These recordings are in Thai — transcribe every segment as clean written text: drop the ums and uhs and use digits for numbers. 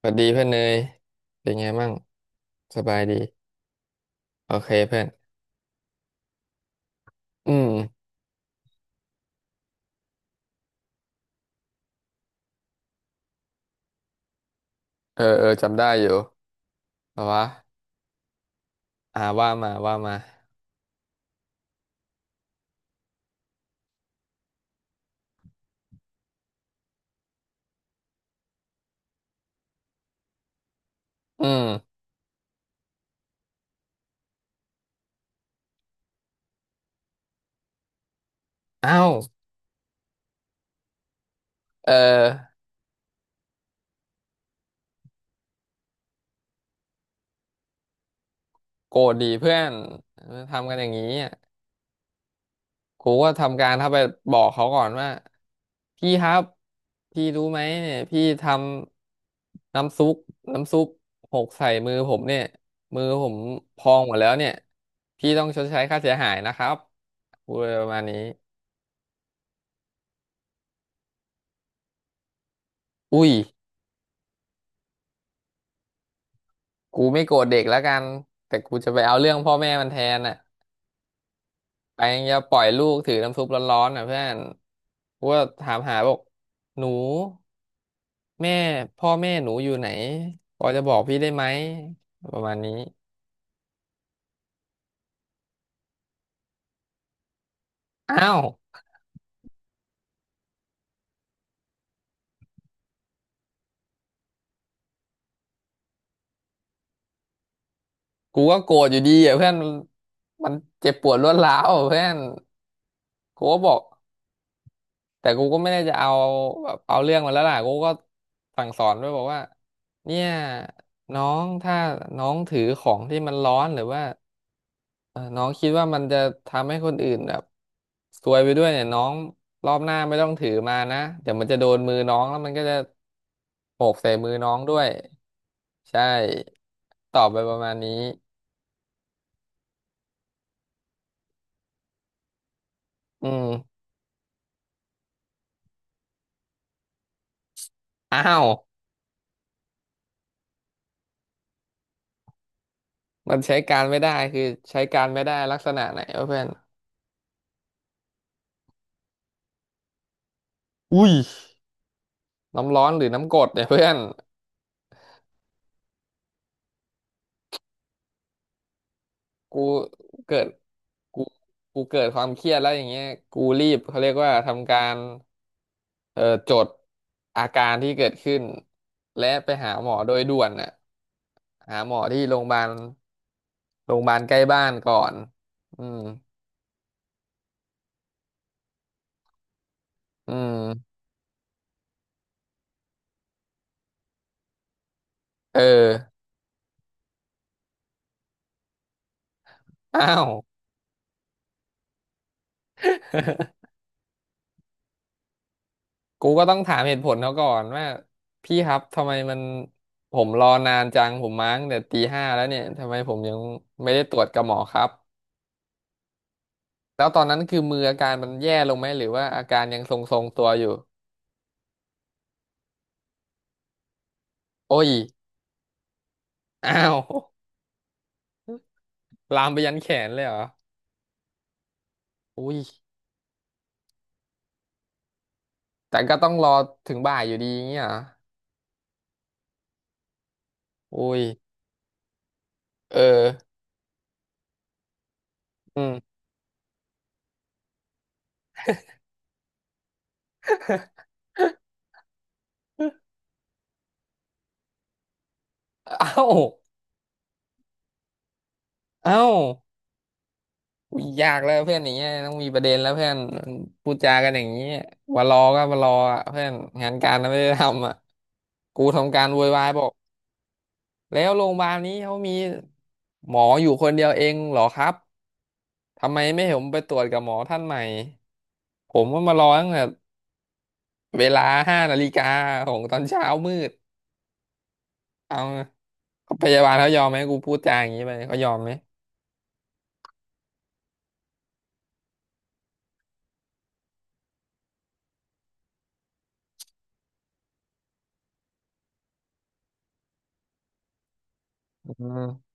สวัสดีเพื่อนเนยเป็นไงมั่งสบายดีโอเคเพื่อนอืมเออเออจำได้อยู่แต่ว่าอ่าว่ามาว่ามาอืมอ้าวเออโกรธดีเพื่อนทำกันอย่างนี้อ่ะกูก็ทำการถ้าไปบอกเขาก่อนว่าพี่ครับพี่รู้ไหมเนี่ยพี่ทำน้ำซุปน้ำซุปหกใส่มือผมเนี่ยมือผมพองหมดแล้วเนี่ย พี่ต้องชดใช้ค่าเสียหายนะครับพูดไปประมาณนี้อุ้ย กูไม่โกรธเด็กแล้วกันแต่กูจะไปเอาเรื่องพ่อแม่มันแทนอ่ะไปยังจะปล่อยลูกถือน้ำซุปร้อนๆอ่ะเพื่อนกูก็ถามหาบอกหนูแม่พ่อแม่หนูอยู่ไหนพอจะบอกพี่ได้ไหมประมาณนี้อ้าวกูก็โกรธอยู่ดีอ่ะเพื่อนมันเจ็บปวดรวดร้าวอ่ะเพื่อนกูก็บอก แต่กูก็ไม่ได้จะเอาแบบเอาเรื่องมันแล้วล่ะกูก็สั่งสอนด้วยบอกว่าเนี่ยน้องถ้าน้องถือของที่มันร้อนหรือว่าน้องคิดว่ามันจะทำให้คนอื่นแบบซวยไปด้วยเนี่ยน้องรอบหน้าไม่ต้องถือมานะเดี๋ยวมันจะโดนมือน้องแล้วมันก็จะโขกใส่มือน้องด้วยใช่ตอบไปประมาณนี้อืมอ้าวมันใช้การไม่ได้คือใช้การไม่ได้ลักษณะไหนวะเพื่อนอุ้ยน้ำร้อนหรือน้ำกรดเนี่ยเพื่อน กูเกิดกูกูเกิดความเครียดแล้วอย่างเงี้ยกูรีบเขาเรียกว่าทำการเอ่อจดอาการที่เกิดขึ้นและไปหาหมอโดยด่วนน่ะหาหมอที่โรงพยาบาลโรงพยาบาลใกล้บ้านก่อนอืมอืมเอออ้าวกูก็ต้องถามเหตุผลเขาก่อนว่าพี่ครับทำไมมันผมรอนานจังผมมาตั้งแต่ตีห้าแล้วเนี่ยทำไมผมยังไม่ได้ตรวจกับหมอครับ แล้วตอนนั้นคือมืออาการมันแย่ลงไหมหรือว่าอาการยังทรงๆตัวอยู่โอ้ยอ้าวลามไปยันแขนเลยเหรออุ้ยแต่ก็ต้องรอถึงบ่ายอยู่ดีอย่างเงี้ยเหรออุ้ยเอออืม เอ้าเอ้าอยากแล้วเพื่อนอย่างเงี้ยต้องมีประเด็นแล้วเพื่อนพูดจากันอย่างเงี้ยว่ารอก็มารออ่ะเพื่อนงานการไม่ได้ทำอ่ะกูทำการโวยวายบอกแล้วโรงพยาบาลนี้เขามีหมออยู่คนเดียวเองเหรอครับ ทำไมไม่เห็นผมไปตรวจกับหมอท่านใหม่ ผมว่ามารอตั้งแต่เวลาห้านาฬิกาของตอนเช้ามืดเอาพยาบาลเขายอมไหมกูพูดจาอย่างนี้ไปเขายอมไหมอืม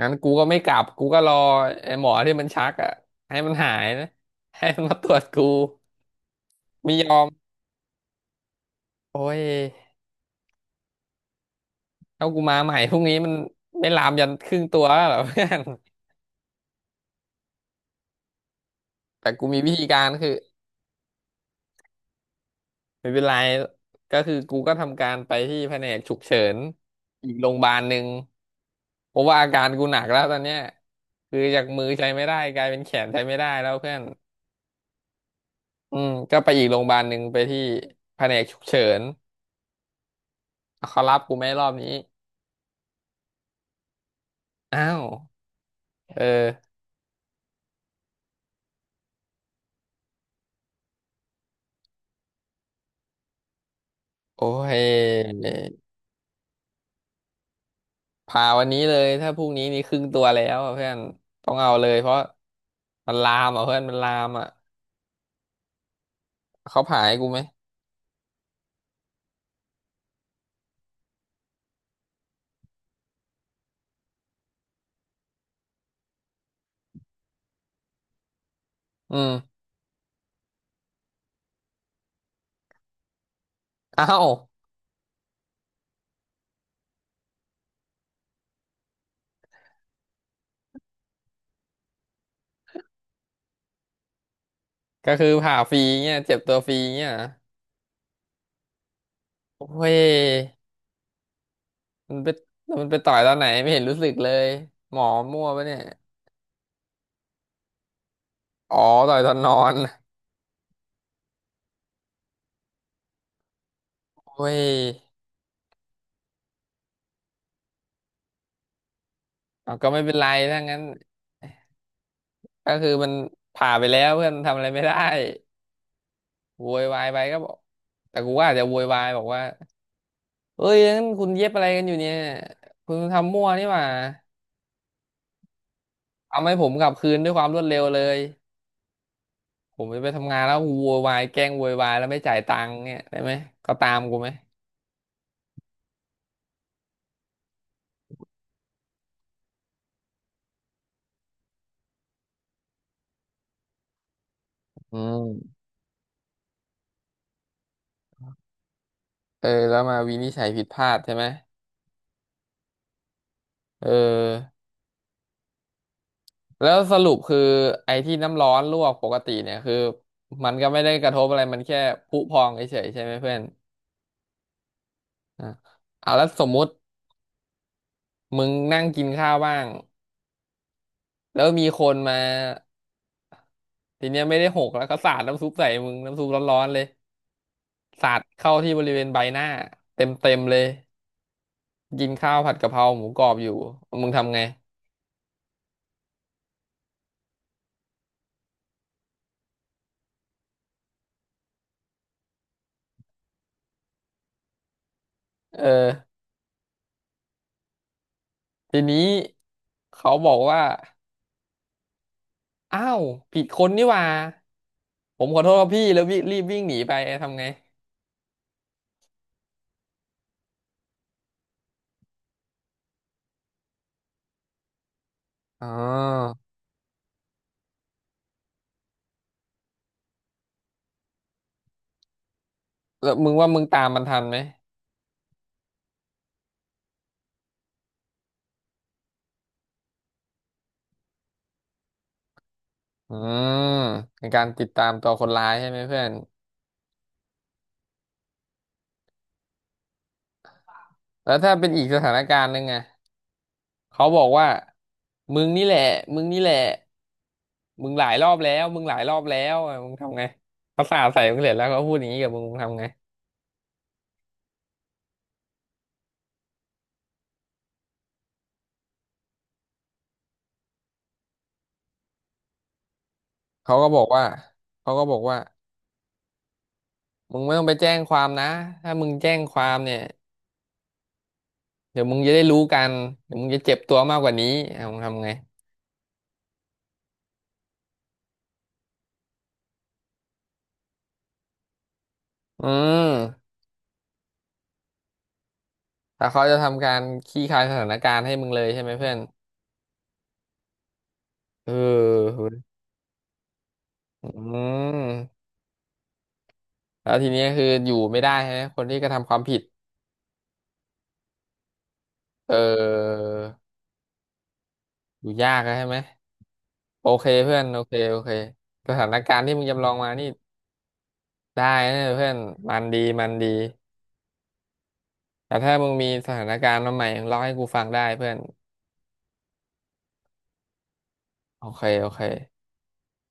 งั้นกูก็ไม่กลับกูก็รอไอ้หมอที่มันชักอ่ะให้มันหายนะให้มันมาตรวจกูไม่ยอมโอ้ยถ้ากูมาใหม่พรุ่งนี้มันไม่ลามยันครึ่งตัวแล้วเหรอ เพื่อนแต่กูมีวิธีการคือ ไม่เป็นไรก็คือกูก็ทำการไปที่แผนกฉุกเฉินอีกโรงพยาบาลหนึ่งเพราะว่าอาการกูหนักแล้วตอนเนี้ยคือจากมือใช้ไม่ได้กลายเป็นแขนใช้ไม่ได้แล้วเพื่อนอืมก็ไปอีกโรงพยาบาลหนึ่งไปที่แผนกฉุกเฉินเขารับกูไหม่รอบนี้อ้าวเออโอ้ยพาวันนี้เลยถ้าพรุ่งนี้นี่ครึ่งตัวแล้วอะเพื่อนต้องเอาเลยเพราะมันลามอ่ะเพื่อนมันลามอ่ะเขาผ่าให้กูไหมอืมอ้าว ก็คือผ่าฟรีเงี้ยเจ็บตัวฟรีเงี้ยเหรอโอ้ยมันไปมันไปต่อยตอนไหนไม่เห็นรู้สึกเลยหมอมั่วปะเนี่ยอ๋อต่อยตอนนอนโอ้ยเอาก็ไม่เป็นไรถ้างั้นก็คือมันผ่าไปแล้วเพื่อนทำอะไรไม่ได้โวยวายไปก็บอกแต่กูว่าอาจจะโวยวายบอกว่าเอ้ยงั้นคุณเย็บอะไรกันอยู่เนี่ยคุณทำมั่วนี่หว่าเอาให้ผมกลับคืนด้วยความรวดเร็วเลยผมจะไปทำงานแล้วกูโวยวายแกล้งโวยวายแล้วไม่จ่ายตังค์เนี่ยได้ไหมเขาตามกูไหมอืม เออแล้วมาวินิจฉัยผิดพลาดใช่ไหมเออแล้วสรุปคือไอ้ที่น้ำร้อนลวกปกติเนี่ยคือมันก็ไม่ได้กระทบอะไรมันแค่พุพองเฉยๆใช่ไหมเพื่อนอ่ะเอาแล้วสมมุติมึงนั่งกินข้าวบ้างแล้วมีคนมาทีเนี้ยไม่ได้หกแล้วก็สาดน้ำซุปใส่มึงน้ำซุปร้อนๆเลยสาดเข้าที่บริเวณใบหน้าเต็มๆเลยกินข้าวผัดกะเพราหมูกรอบอยู่มึงทำไงเออทีนี้เขาบอกว่าอ้าวผิดคนนี่หว่า ผมขอโทษครับพี่แล้วพี่รีบวิ่งหนีไปทำไงอ๋อแล้วมึงว่ามึงตามมันทันไหมอืมเป็นการติดตามตัวคนร้ายใช่ไหมเพื่อนแล้วถ้าเป็นอีกสถานการณ์หนึงอะเขาบอกว่ามึงนี่แหละมึงนี่แหละมึงหลายรอบแล้วมึงหลายรอบแล้วอะมึงทำไงเขาสาดใส่มึงเสร็จแล้วเขาพูดอย่างนี้กับมึงมึงทำไงเขาก็บอกว่าเขาก็บอกว่ามึงไม่ต้องไปแจ้งความนะถ้ามึงแจ้งความเนี่ยเดี๋ยวมึงจะได้รู้กันเดี๋ยวมึงจะเจ็บตัวมากกว่านี้อ่ะมึงทำไง อืมแต่เขาจะทำการคลี่คลายสถานการณ์ให้มึงเลยใช่ไหมเพื่อนเออเฮ้ยอืมแล้วทีนี้คืออยู่ไม่ได้ใช่ไหม คนที่กระทำความผิดเอออยู่ยากอะใช่ไหมโอเคเพื่อนโอเคโอเคสถานการณ์ที่มึงจำลองมานี่ได้นะเพื่อนมันดี มันดี แต่ถ้ามึงมีสถานการณ์มาใหม่มึงเล่าให้กูฟังได้เพื่อนโอเคโอเค